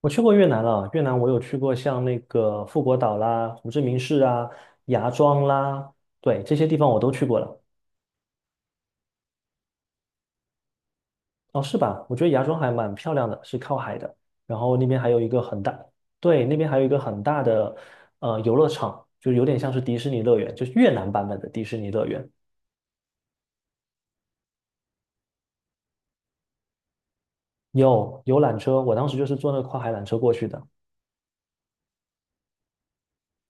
我去过越南了，越南我有去过像那个富国岛啦、胡志明市啊、芽庄啦，对，这些地方我都去过了。哦，是吧？我觉得芽庄还蛮漂亮的，是靠海的。然后那边还有一个很大，对，那边还有一个很大的游乐场，就有点像是迪士尼乐园，就是越南版本的迪士尼乐园。有缆车，我当时就是坐那个跨海缆车过去的。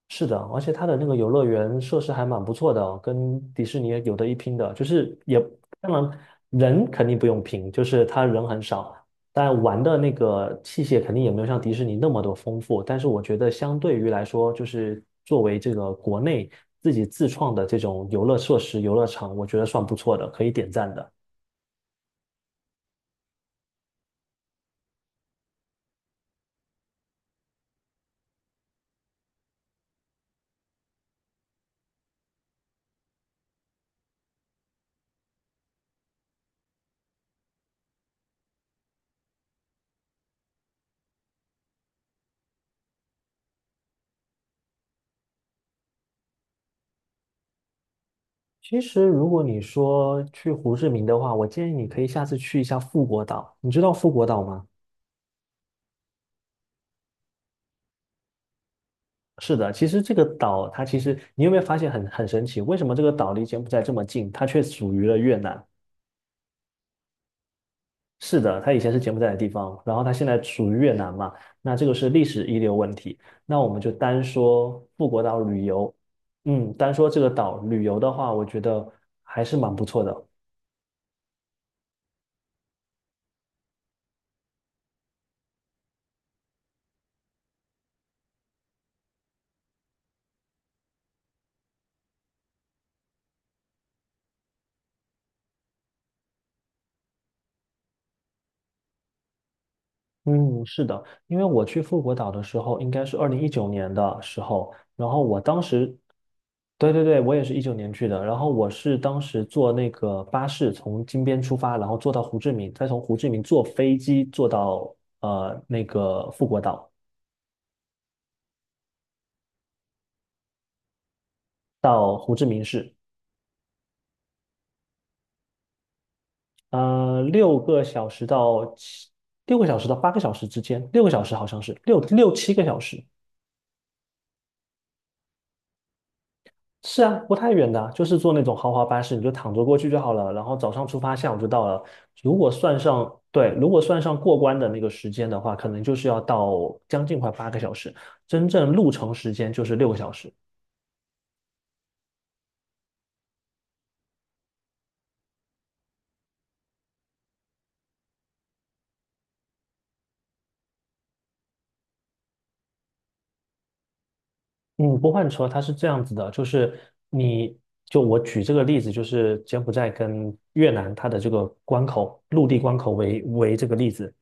是的，而且它的那个游乐园设施还蛮不错的哦，跟迪士尼有的一拼的。就是也当然人肯定不用拼，就是他人很少，但玩的那个器械肯定也没有像迪士尼那么多丰富。但是我觉得相对于来说，就是作为这个国内自己自创的这种游乐设施、游乐场，我觉得算不错的，可以点赞的。其实，如果你说去胡志明的话，我建议你可以下次去一下富国岛。你知道富国岛吗？是的，其实这个岛它，其实你有没有发现很神奇？为什么这个岛离柬埔寨这么近，它却属于了越南？是的，它以前是柬埔寨的地方，然后它现在属于越南嘛？那这个是历史遗留问题。那我们就单说富国岛旅游，嗯，单说这个岛旅游的话，我觉得还是蛮不错的。嗯，是的，因为我去富国岛的时候，应该是2019年的时候，然后我当时，对对对，我也是一九年去的，然后我是当时坐那个巴士从金边出发，然后坐到胡志明，再从胡志明坐飞机坐到那个富国岛，到胡志明市，呃，六个小时到七，6个小时到8个小时之间，六个小时好像是六7个小时，是啊，不太远的啊，就是坐那种豪华巴士，你就躺着过去就好了。然后早上出发，下午就到了。如果算上，对，如果算上过关的那个时间的话，可能就是要到将近快八个小时，真正路程时间就是六个小时。嗯，不换车，它是这样子的，就是你，就我举这个例子，就是柬埔寨跟越南它的这个关口，陆地关口为这个例子，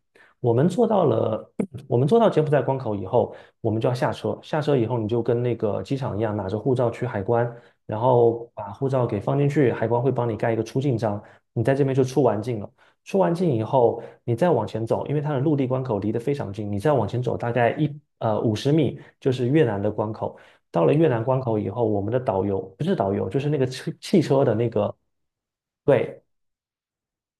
我们做到了，我们做到柬埔寨关口以后，我们就要下车，下车以后你就跟那个机场一样，拿着护照去海关，然后把护照给放进去，海关会帮你盖一个出境章，你在这边就出完境了。出完境以后，你再往前走，因为它的陆地关口离得非常近，你再往前走大概50米，就是越南的关口。到了越南关口以后，我们的导游不是导游，就是那个汽车的那个，对，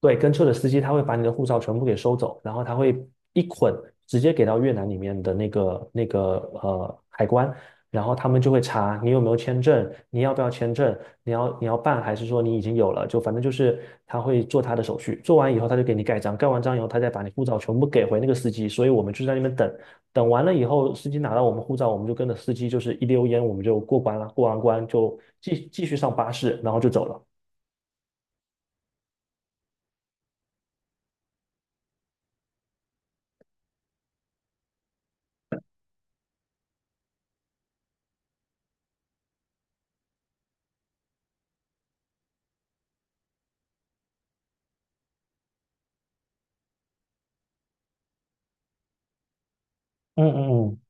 对，跟车的司机他会把你的护照全部给收走，然后他会一捆直接给到越南里面的那个海关，然后他们就会查你有没有签证，你要不要签证，你要办还是说你已经有了，就反正就是他会做他的手续，做完以后他就给你盖章，盖完章以后他再把你护照全部给回那个司机，所以我们就在那边等，等完了以后司机拿到我们护照，我们就跟着司机就是一溜烟我们就过关了，过完关就继续上巴士，然后就走了。嗯嗯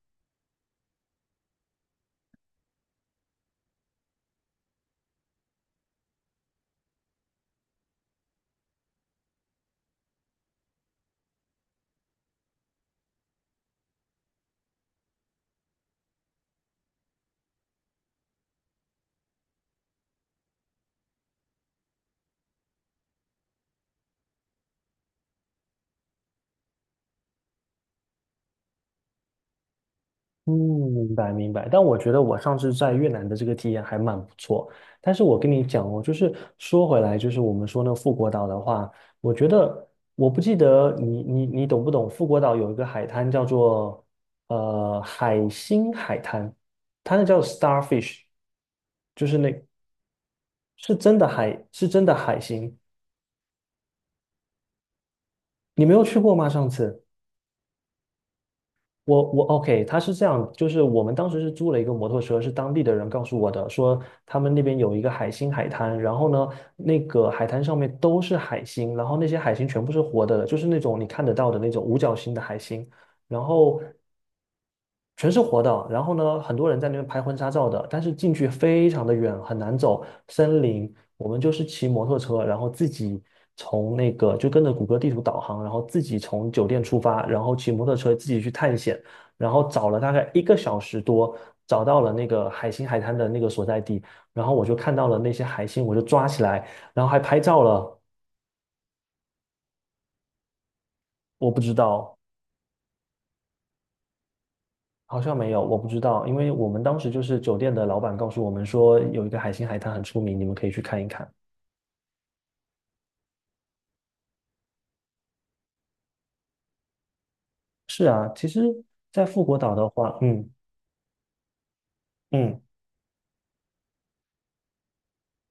嗯，明白明白，但我觉得我上次在越南的这个体验还蛮不错。但是我跟你讲哦，就是说回来，就是我们说那个富国岛的话，我觉得，我不记得你，你懂不懂？富国岛有一个海滩叫做海星海滩，它那叫 starfish，就是那是真的海星，你没有去过吗？上次？我 OK，他是这样，就是我们当时是租了一个摩托车，是当地的人告诉我的，说他们那边有一个海星海滩，然后呢，那个海滩上面都是海星，然后那些海星全部是活的，就是那种你看得到的那种五角星的海星，然后全是活的。然后呢，很多人在那边拍婚纱照的，但是进去非常的远，很难走森林。我们就是骑摩托车，然后自己从那个，就跟着谷歌地图导航，然后自己从酒店出发，然后骑摩托车自己去探险，然后找了大概1个小时多，找到了那个海星海滩的那个所在地，然后我就看到了那些海星，我就抓起来，然后还拍照了。我不知道。好像没有，我不知道，因为我们当时就是酒店的老板告诉我们说，有一个海星海滩很出名，你们可以去看一看。是啊，其实，在富国岛的话，嗯嗯，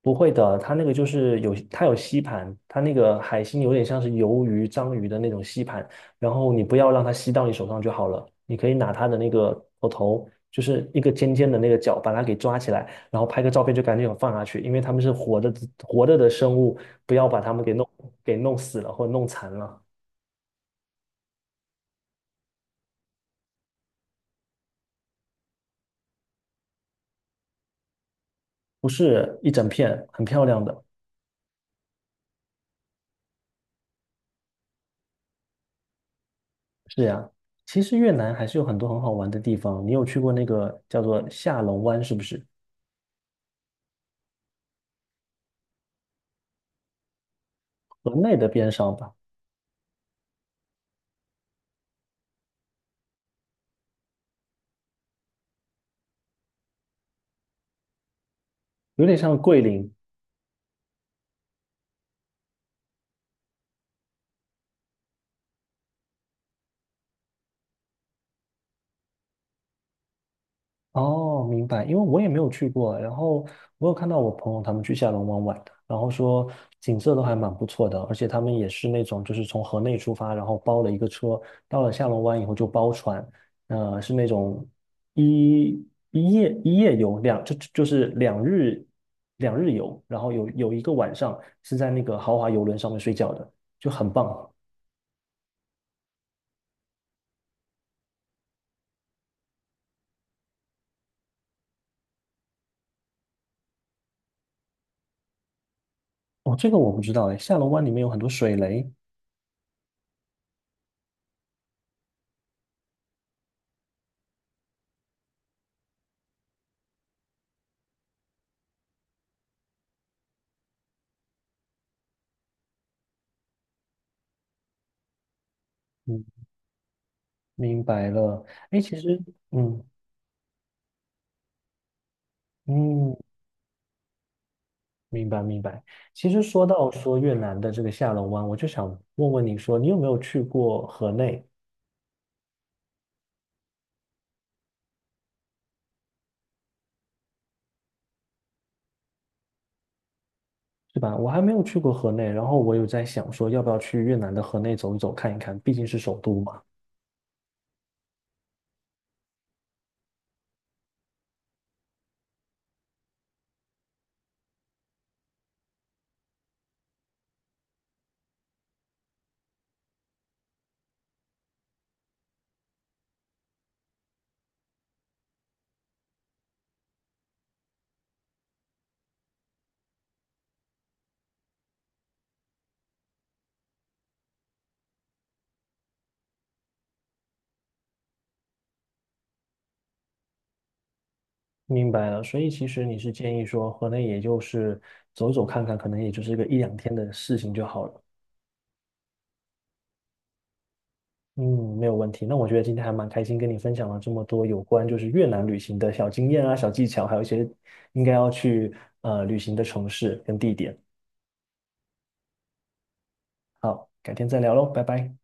不会的，它那个就是有，它有吸盘，它那个海星有点像是鱿鱼、章鱼的那种吸盘，然后你不要让它吸到你手上就好了，你可以拿它的那个头头，就是一个尖尖的那个角，把它给抓起来，然后拍个照片就赶紧放下去，因为它们是活着的生物，不要把它们给弄死了或者弄残了。不是，一整片，很漂亮的。是呀，其实越南还是有很多很好玩的地方。你有去过那个叫做下龙湾，是不是？河内的边上吧，有点像桂林，哦，明白，因为我也没有去过，然后我有看到我朋友他们去下龙湾玩的，然后说景色都还蛮不错的，而且他们也是那种就是从河内出发，然后包了一个车，到了下龙湾以后就包船，是那种一一夜一夜游，两就就是两日两日游，然后有一个晚上是在那个豪华游轮上面睡觉的，就很棒。哦，这个我不知道哎，下龙湾里面有很多水雷，嗯，明白了。哎，其实，嗯，嗯，明白明白。其实说到说越南的这个下龙湾，我就想问问你说，你有没有去过河内，是吧？我还没有去过河内，然后我有在想说，要不要去越南的河内走一走，看一看，毕竟是首都嘛。明白了，所以其实你是建议说，河内也就是走走看看，可能也就是一个一两天的事情就好了。嗯，没有问题。那我觉得今天还蛮开心，跟你分享了这么多有关就是越南旅行的小经验啊、小技巧，还有一些应该要去旅行的城市跟地点。好，改天再聊喽，拜拜。